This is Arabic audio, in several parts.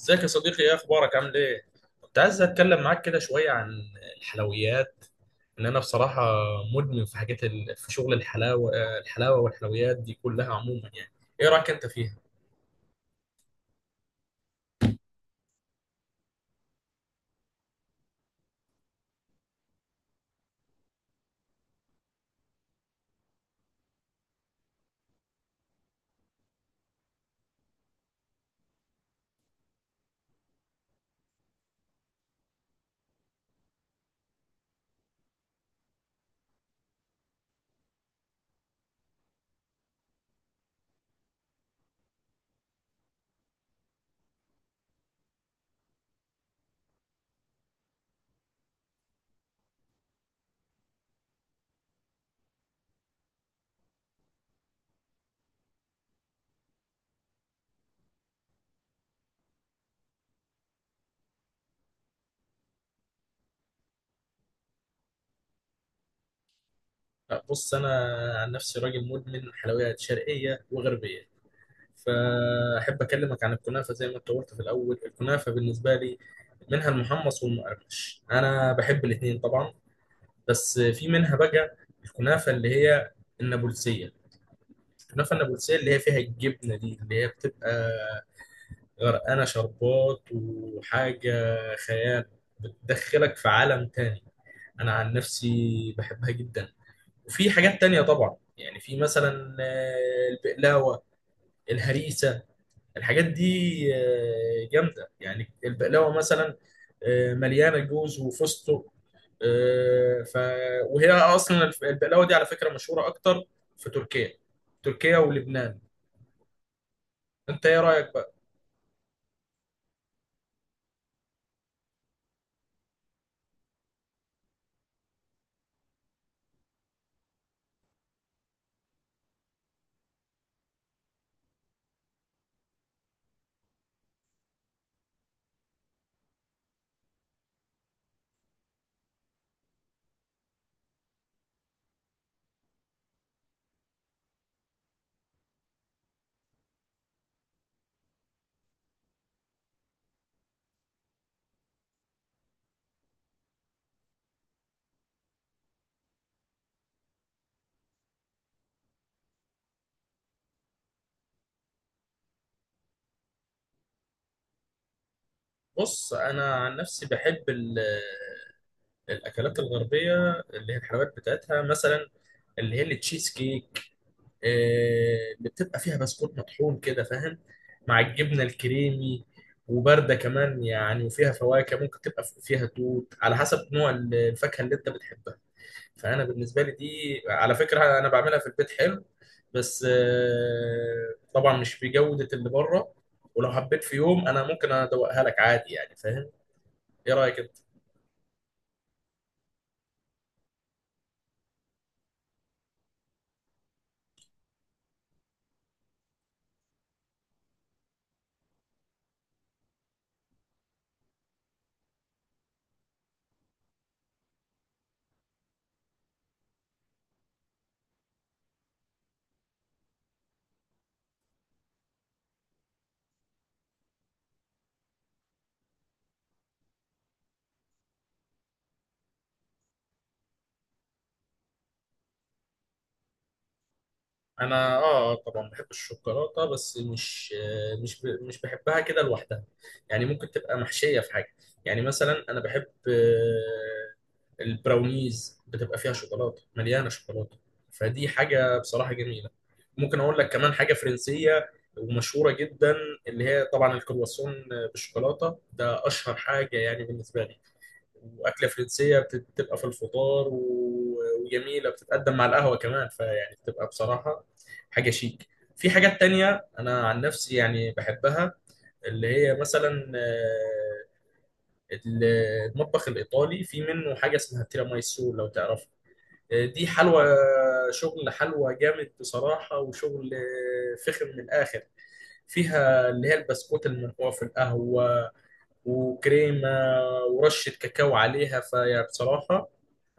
ازيك يا صديقي؟ ايه اخبارك، عامل ايه؟ كنت عايز اتكلم معاك كده شويه عن الحلويات. ان انا بصراحه مدمن في شغل الحلاوه والحلويات دي كلها عموما، يعني ايه رايك انت فيها؟ لا، بص انا عن نفسي راجل مدمن حلويات شرقيه وغربيه. فاحب اكلمك عن الكنافه. زي ما انت قلت في الاول، الكنافه بالنسبه لي منها المحمص والمقرمش. انا بحب الاثنين طبعا. بس في منها بقى الكنافه اللي هي النابلسيه. كنافه النابلسيه اللي هي فيها الجبنه دي، اللي هي بتبقى غرقانه شربات وحاجه، خيال، بتدخلك في عالم تاني. انا عن نفسي بحبها جدا. وفي حاجات تانية طبعا يعني، في مثلا البقلاوه، الهريسه، الحاجات دي جامده يعني. البقلاوه مثلا مليانه جوز وفستق. آه، ف وهي اصلا البقلاوه دي على فكره مشهوره اكتر في تركيا ولبنان. انت ايه رايك بقى؟ بص انا عن نفسي بحب الاكلات الغربيه اللي هي الحلويات بتاعتها. مثلا اللي هي التشيز كيك، اللي بتبقى فيها بسكوت مطحون كده فاهم، مع الجبنه الكريمي، وبارده كمان يعني، وفيها فواكه. ممكن تبقى فيها توت على حسب نوع الفاكهه اللي انت بتحبها. فانا بالنسبه لي دي على فكره انا بعملها في البيت حلو، بس طبعا مش بجوده اللي بره. ولو حبيت في يوم انا ممكن ادوقها لك عادي يعني فاهم. ايه رايك انت؟ انا طبعا بحب الشوكولاته. بس مش مش بحبها كده لوحدها يعني. ممكن تبقى محشيه في حاجه. يعني مثلا انا بحب البراونيز. بتبقى فيها شوكولاته، مليانه شوكولاته، فدي حاجه بصراحه جميله. ممكن اقول لك كمان حاجه فرنسيه ومشهوره جدا، اللي هي طبعا الكرواسون بالشوكولاته. ده اشهر حاجه يعني بالنسبه لي. واكله فرنسيه بتبقى في الفطار وجميله، بتتقدم مع القهوه كمان. فيعني بتبقى بصراحه حاجه شيك. في حاجات تانية انا عن نفسي يعني بحبها، اللي هي مثلا ال- المطبخ الايطالي. في منه حاجه اسمها تيراميسو، لو تعرفها. دي حلوى، شغل حلوى جامد بصراحه، وشغل فخم من الاخر. فيها اللي هي البسكوت المنقوع في القهوة، وكريمة، ورشة كاكاو عليها. فيا بصراحة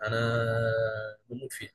أنا بموت فيها.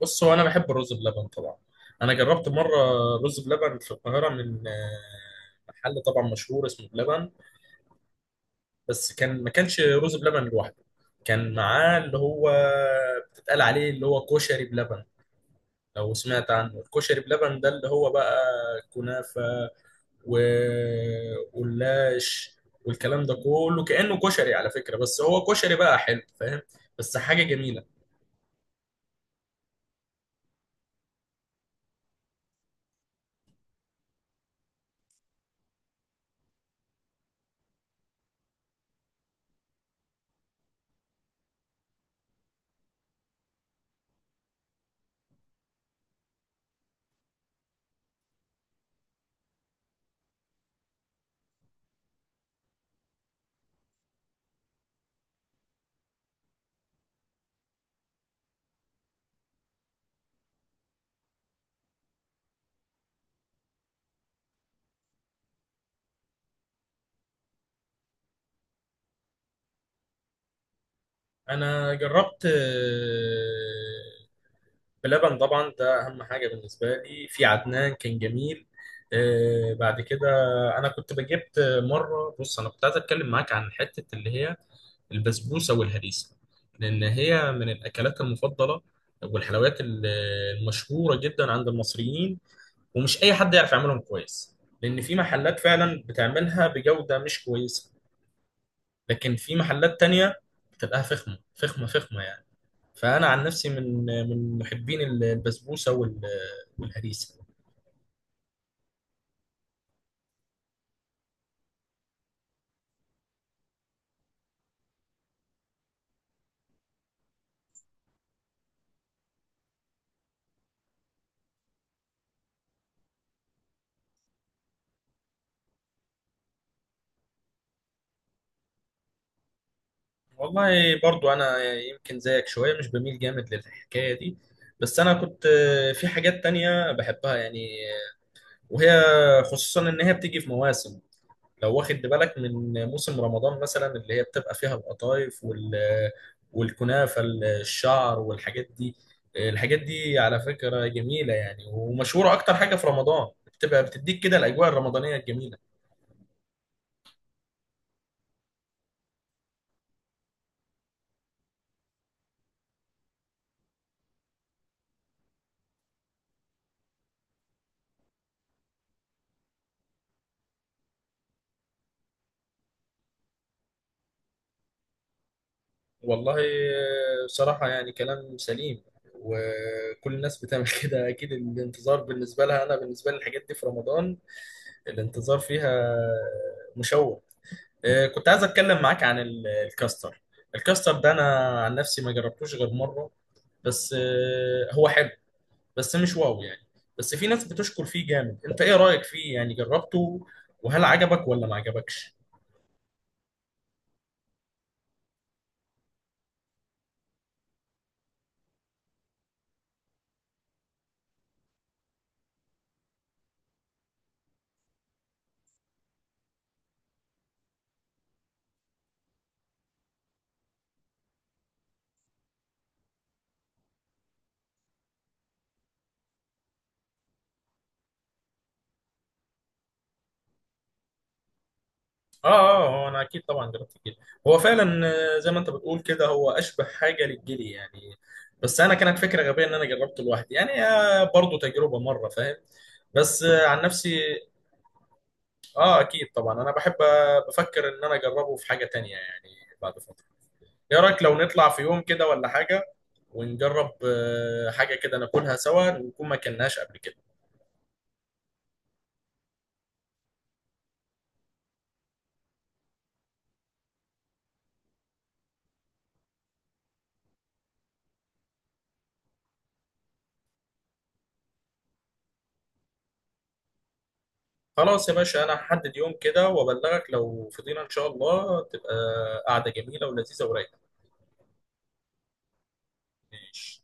بص، هو أنا بحب الرز بلبن طبعا. أنا جربت مرة رز بلبن في القاهرة من محل طبعا مشهور اسمه بلبن. بس كان، ما كانش رز بلبن لوحده، كان معاه اللي هو بتتقال عليه اللي هو كشري بلبن، لو سمعت عنه. الكشري بلبن ده اللي هو بقى كنافة واللاش والكلام ده كله، كأنه كشري على فكرة، بس هو كشري بقى حلو فاهم، بس حاجة جميلة. أنا جربت بلبن طبعا، ده أهم حاجة بالنسبة لي. في عدنان كان جميل. بعد كده أنا كنت بجبت مرة. بص، أنا كنت عايز أتكلم معاك عن حتة اللي هي البسبوسة والهريسة، لأن هي من الأكلات المفضلة والحلويات المشهورة جدا عند المصريين. ومش اي حد يعرف يعملهم كويس، لان في محلات فعلا بتعملها بجودة مش كويسة. لكن في محلات تانية بتبقى فخمة فخمة فخمة يعني. فانا عن نفسي من محبين البسبوسة والهريسة. والله برضو انا يمكن زيك شوية مش بميل جامد للحكاية دي. بس انا كنت في حاجات تانية بحبها يعني، وهي خصوصا ان هي بتيجي في مواسم. لو واخد بالك، من موسم رمضان مثلا اللي هي بتبقى فيها القطايف والكنافة الشعر والحاجات دي. الحاجات دي على فكرة جميلة يعني، ومشهورة أكتر حاجة في رمضان، بتبقى بتديك كده الأجواء الرمضانية الجميلة. والله بصراحة يعني كلام سليم، وكل الناس بتعمل كده أكيد. الانتظار بالنسبة لها، أنا بالنسبة لي الحاجات دي في رمضان الانتظار فيها مشوق. كنت عايز اتكلم معاك عن الكاستر. الكاستر ده انا عن نفسي ما جربتوش غير مره. بس هو حلو، بس مش واو يعني. بس في ناس بتشكر فيه جامد. انت ايه رايك فيه؟ يعني جربته، وهل عجبك ولا ما عجبكش؟ اه. اه، هو انا اكيد طبعا جربت الجلي. هو فعلا، زي ما انت بتقول كده، هو اشبه حاجه للجلي يعني. بس انا كانت فكره غبيه ان انا جربته لوحدي يعني. برضه تجربه مره فاهم. بس عن نفسي، اه اكيد طبعا انا بحب. بفكر ان انا اجربه في حاجة تانية يعني بعد فترة. ايه رايك لو نطلع في يوم كده ولا حاجة، ونجرب حاجة كده ناكلها سوا، ونكون ما اكلناش قبل كده؟ خلاص يا باشا، انا هحدد يوم كده وابلغك. لو فضينا ان شاء الله تبقى قعدة جميلة ولذيذة ورايقة. ماشي.